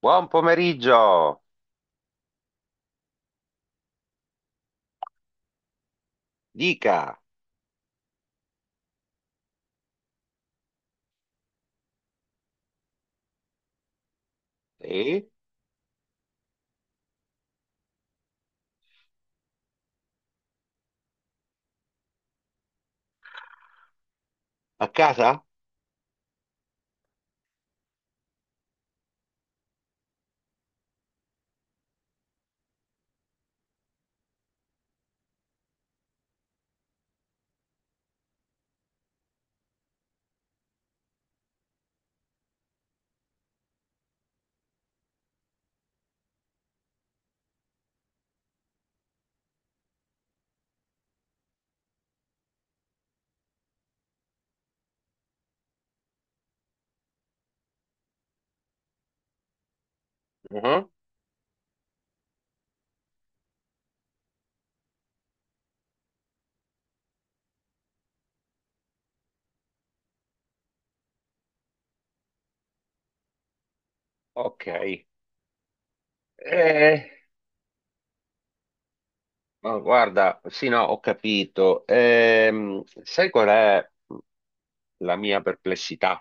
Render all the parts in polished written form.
Buon pomeriggio! Dica. Sì? A casa? Mhm. Ok. Eh, ma guarda, sì, no, ho capito. Sai qual è la mia perplessità?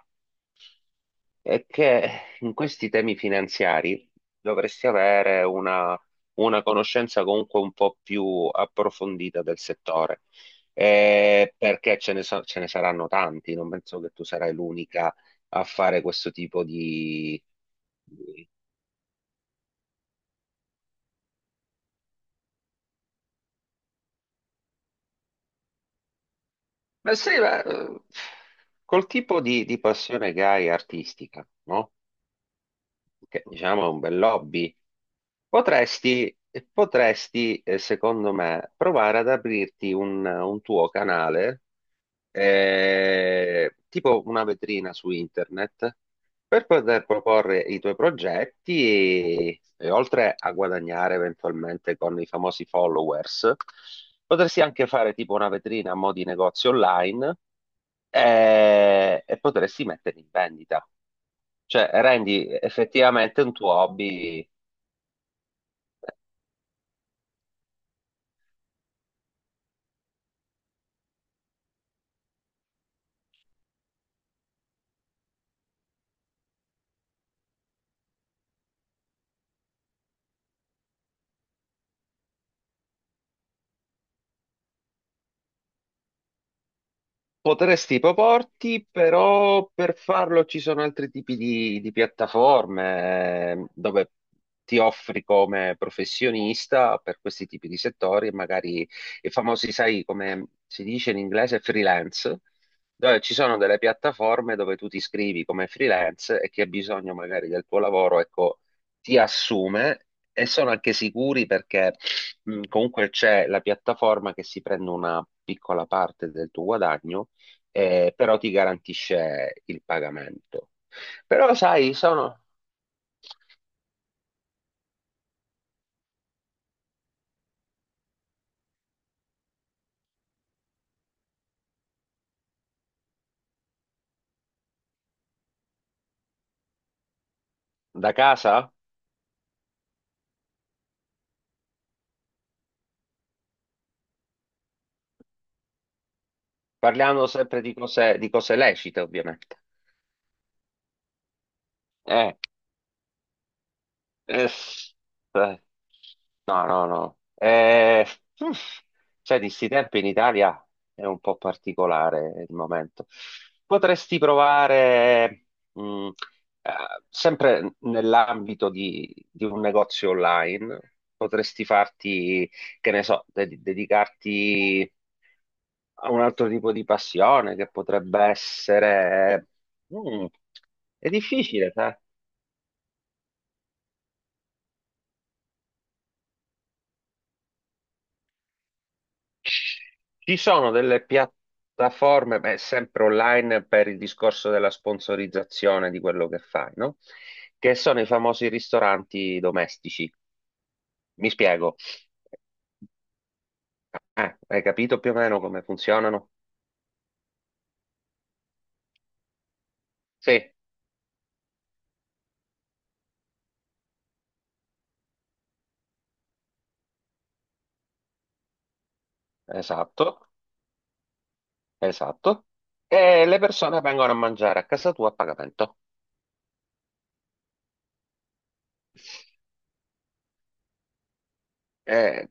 È che in questi temi finanziari dovresti avere una conoscenza comunque un po' più approfondita del settore. Perché ce ne saranno tanti, non penso che tu sarai l'unica a fare questo tipo di- Ma sì, ma, col tipo di passione che hai artistica, no? Che diciamo è un bel hobby. Potresti, potresti, eh, secondo me, provare ad aprirti un tuo canale, tipo una vetrina su internet, per poter proporre i tuoi progetti e oltre a guadagnare eventualmente con i famosi followers. Potresti anche fare tipo una vetrina a mo' di negozio online, e potresti metterli in vendita. Cioè, rendi effettivamente un tuo hobby. Potresti proporti, però per farlo ci sono altri tipi di piattaforme, dove ti offri come professionista per questi tipi di settori, e magari i famosi, sai, come si dice in inglese, freelance, dove ci sono delle piattaforme dove tu ti iscrivi come freelance e chi ha bisogno magari del tuo lavoro, ecco, ti assume e sono anche sicuri perché comunque c'è la piattaforma che si prende una piccola parte del tuo guadagno, però ti garantisce il pagamento. Però sai, sono da casa, parliamo sempre di cose lecite, ovviamente. Eh, Eh, eh, no, no, no. Uff, cioè, di sti tempi in Italia è un po' particolare il momento. Potresti provare, mh, sempre nell'ambito di un negozio online, potresti farti, che ne so, dedicarti a un altro tipo di passione che potrebbe essere... mm, è difficile. Ci sono delle piattaforme, beh, sempre online per il discorso della sponsorizzazione di quello che fai, no? Che sono i famosi ristoranti domestici. Mi spiego. Hai capito più o meno come funzionano? Sì, esatto, esatto. E le persone vengono a mangiare a casa tua a pagamento. Eh,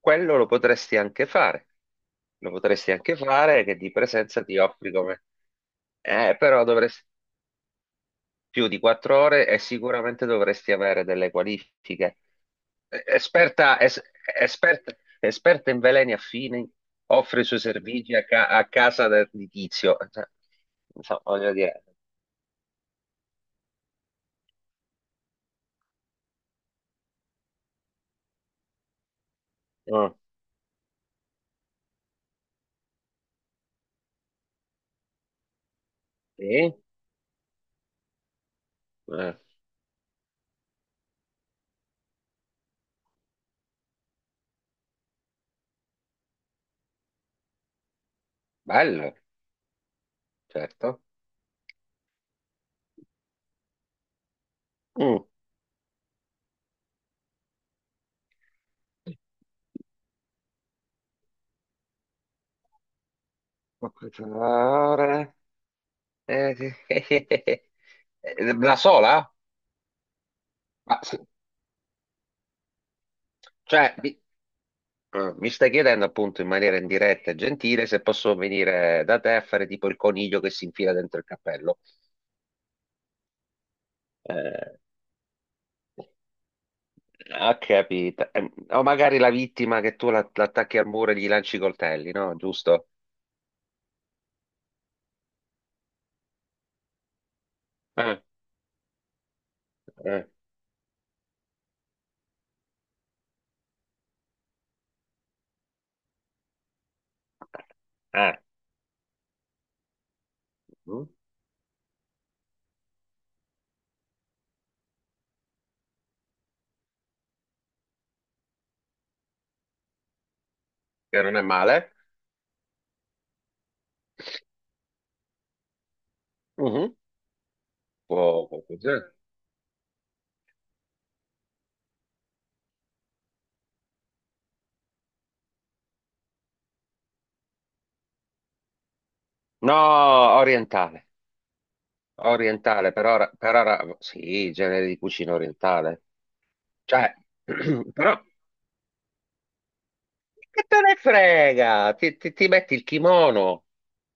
quello lo potresti anche fare. Lo potresti anche fare che di presenza ti offri come. Però dovresti più di quattro ore e sicuramente dovresti avere delle qualifiche. Esperta, esperta, esperta in veleni affini, offre i suoi servizi a casa di Tizio. Cioè, insomma, voglio dire. Mm. Sì? Eh, bello, certo. Mm. Quattro ore. Eh, eh, La sola? Ma, cioè, ah, mi stai chiedendo appunto in maniera indiretta e gentile se posso venire da te a fare tipo il coniglio che si infila dentro il cappello. Eh, ho capito. O magari la vittima che tu l'attacchi al muro e gli lanci i coltelli, no? Giusto? Eh, eh, eh. Mm. Che non è male. Mhm. Può funzionare. No, orientale. Orientale, per ora sì, genere di cucina orientale. Cioè, però. Che te ne frega? Ti metti il kimono.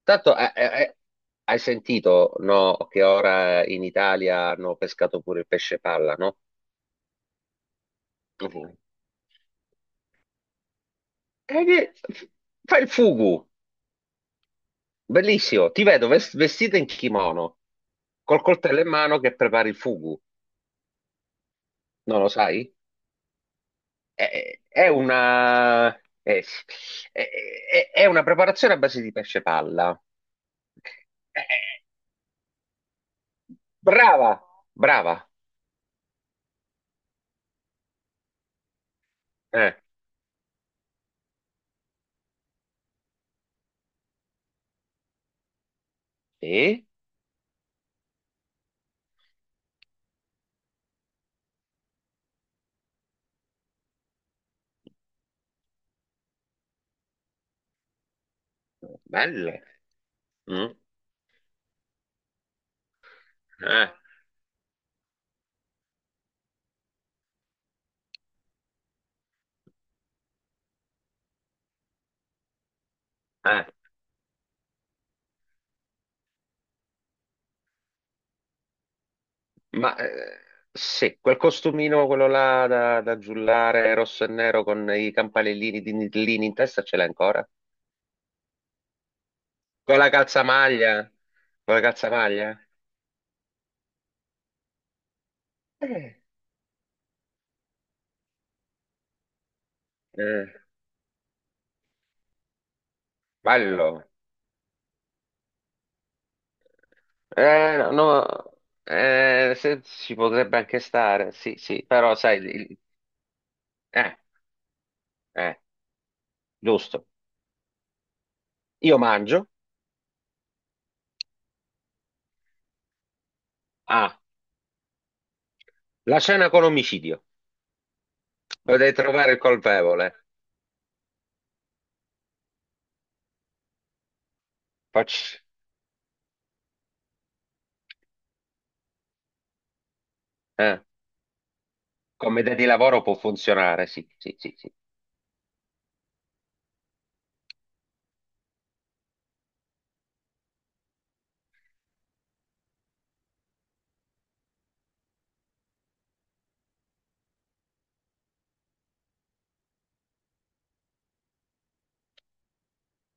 Tanto hai sentito, no, che ora in Italia hanno pescato pure il pesce palla, no? Mhm. E che- Fai il fugu, bellissimo. Ti vedo vestita in kimono, col coltello in mano che prepari il fugu. Non lo sai? È, è una, è, è una preparazione a base di pesce palla. Eh, eh, Brava, brava. Eh. Sì, belle. Mm, eh, eh. Ma sì, quel costumino, quello là da giullare rosso e nero con i campanellini di nidlini in testa, ce l'hai ancora? Con la calzamaglia? Con la calzamaglia? Eh, eh, bello. No, no, ci potrebbe anche stare, sì, sì, però sai, eh, eh, giusto. Io mangio. Ah, la cena con omicidio. Potete trovare il colpevole. Facci- eh. Come idea di lavoro può funzionare, sì, sì, sì, sì.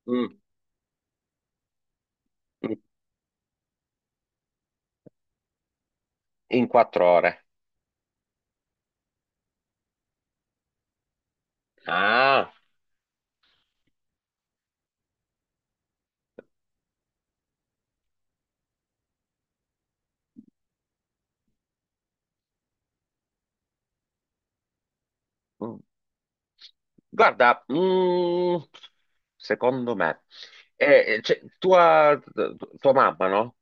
Mm. In in quattro ore. Ah. Mm. Guarda, secondo me, cioè, tua mamma, no?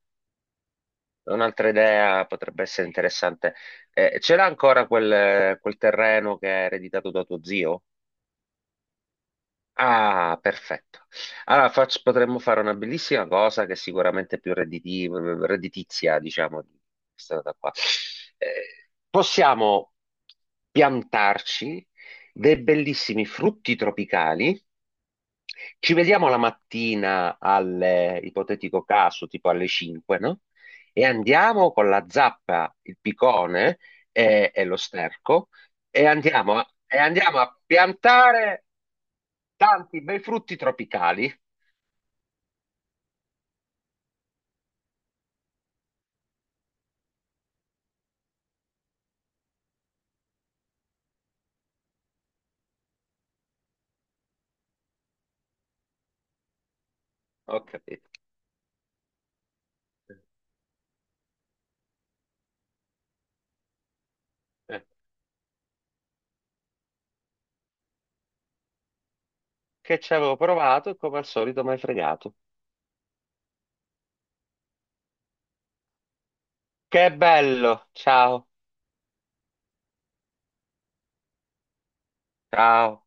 È un'altra idea potrebbe essere interessante. Ce l'ha ancora quel terreno che è ereditato da tuo zio? Ah, perfetto. Allora potremmo fare una bellissima cosa che è sicuramente più redditizia, diciamo, di questa cosa qua. Possiamo piantarci dei bellissimi frutti tropicali. Ci vediamo la mattina al ipotetico caso, tipo alle 5, no? E andiamo con la zappa, il picone e lo sterco e andiamo a piantare tanti bei frutti tropicali. Ho capito. Eh. Che ci avevo provato e come al solito mi hai fregato. Che bello! Ciao, ciao.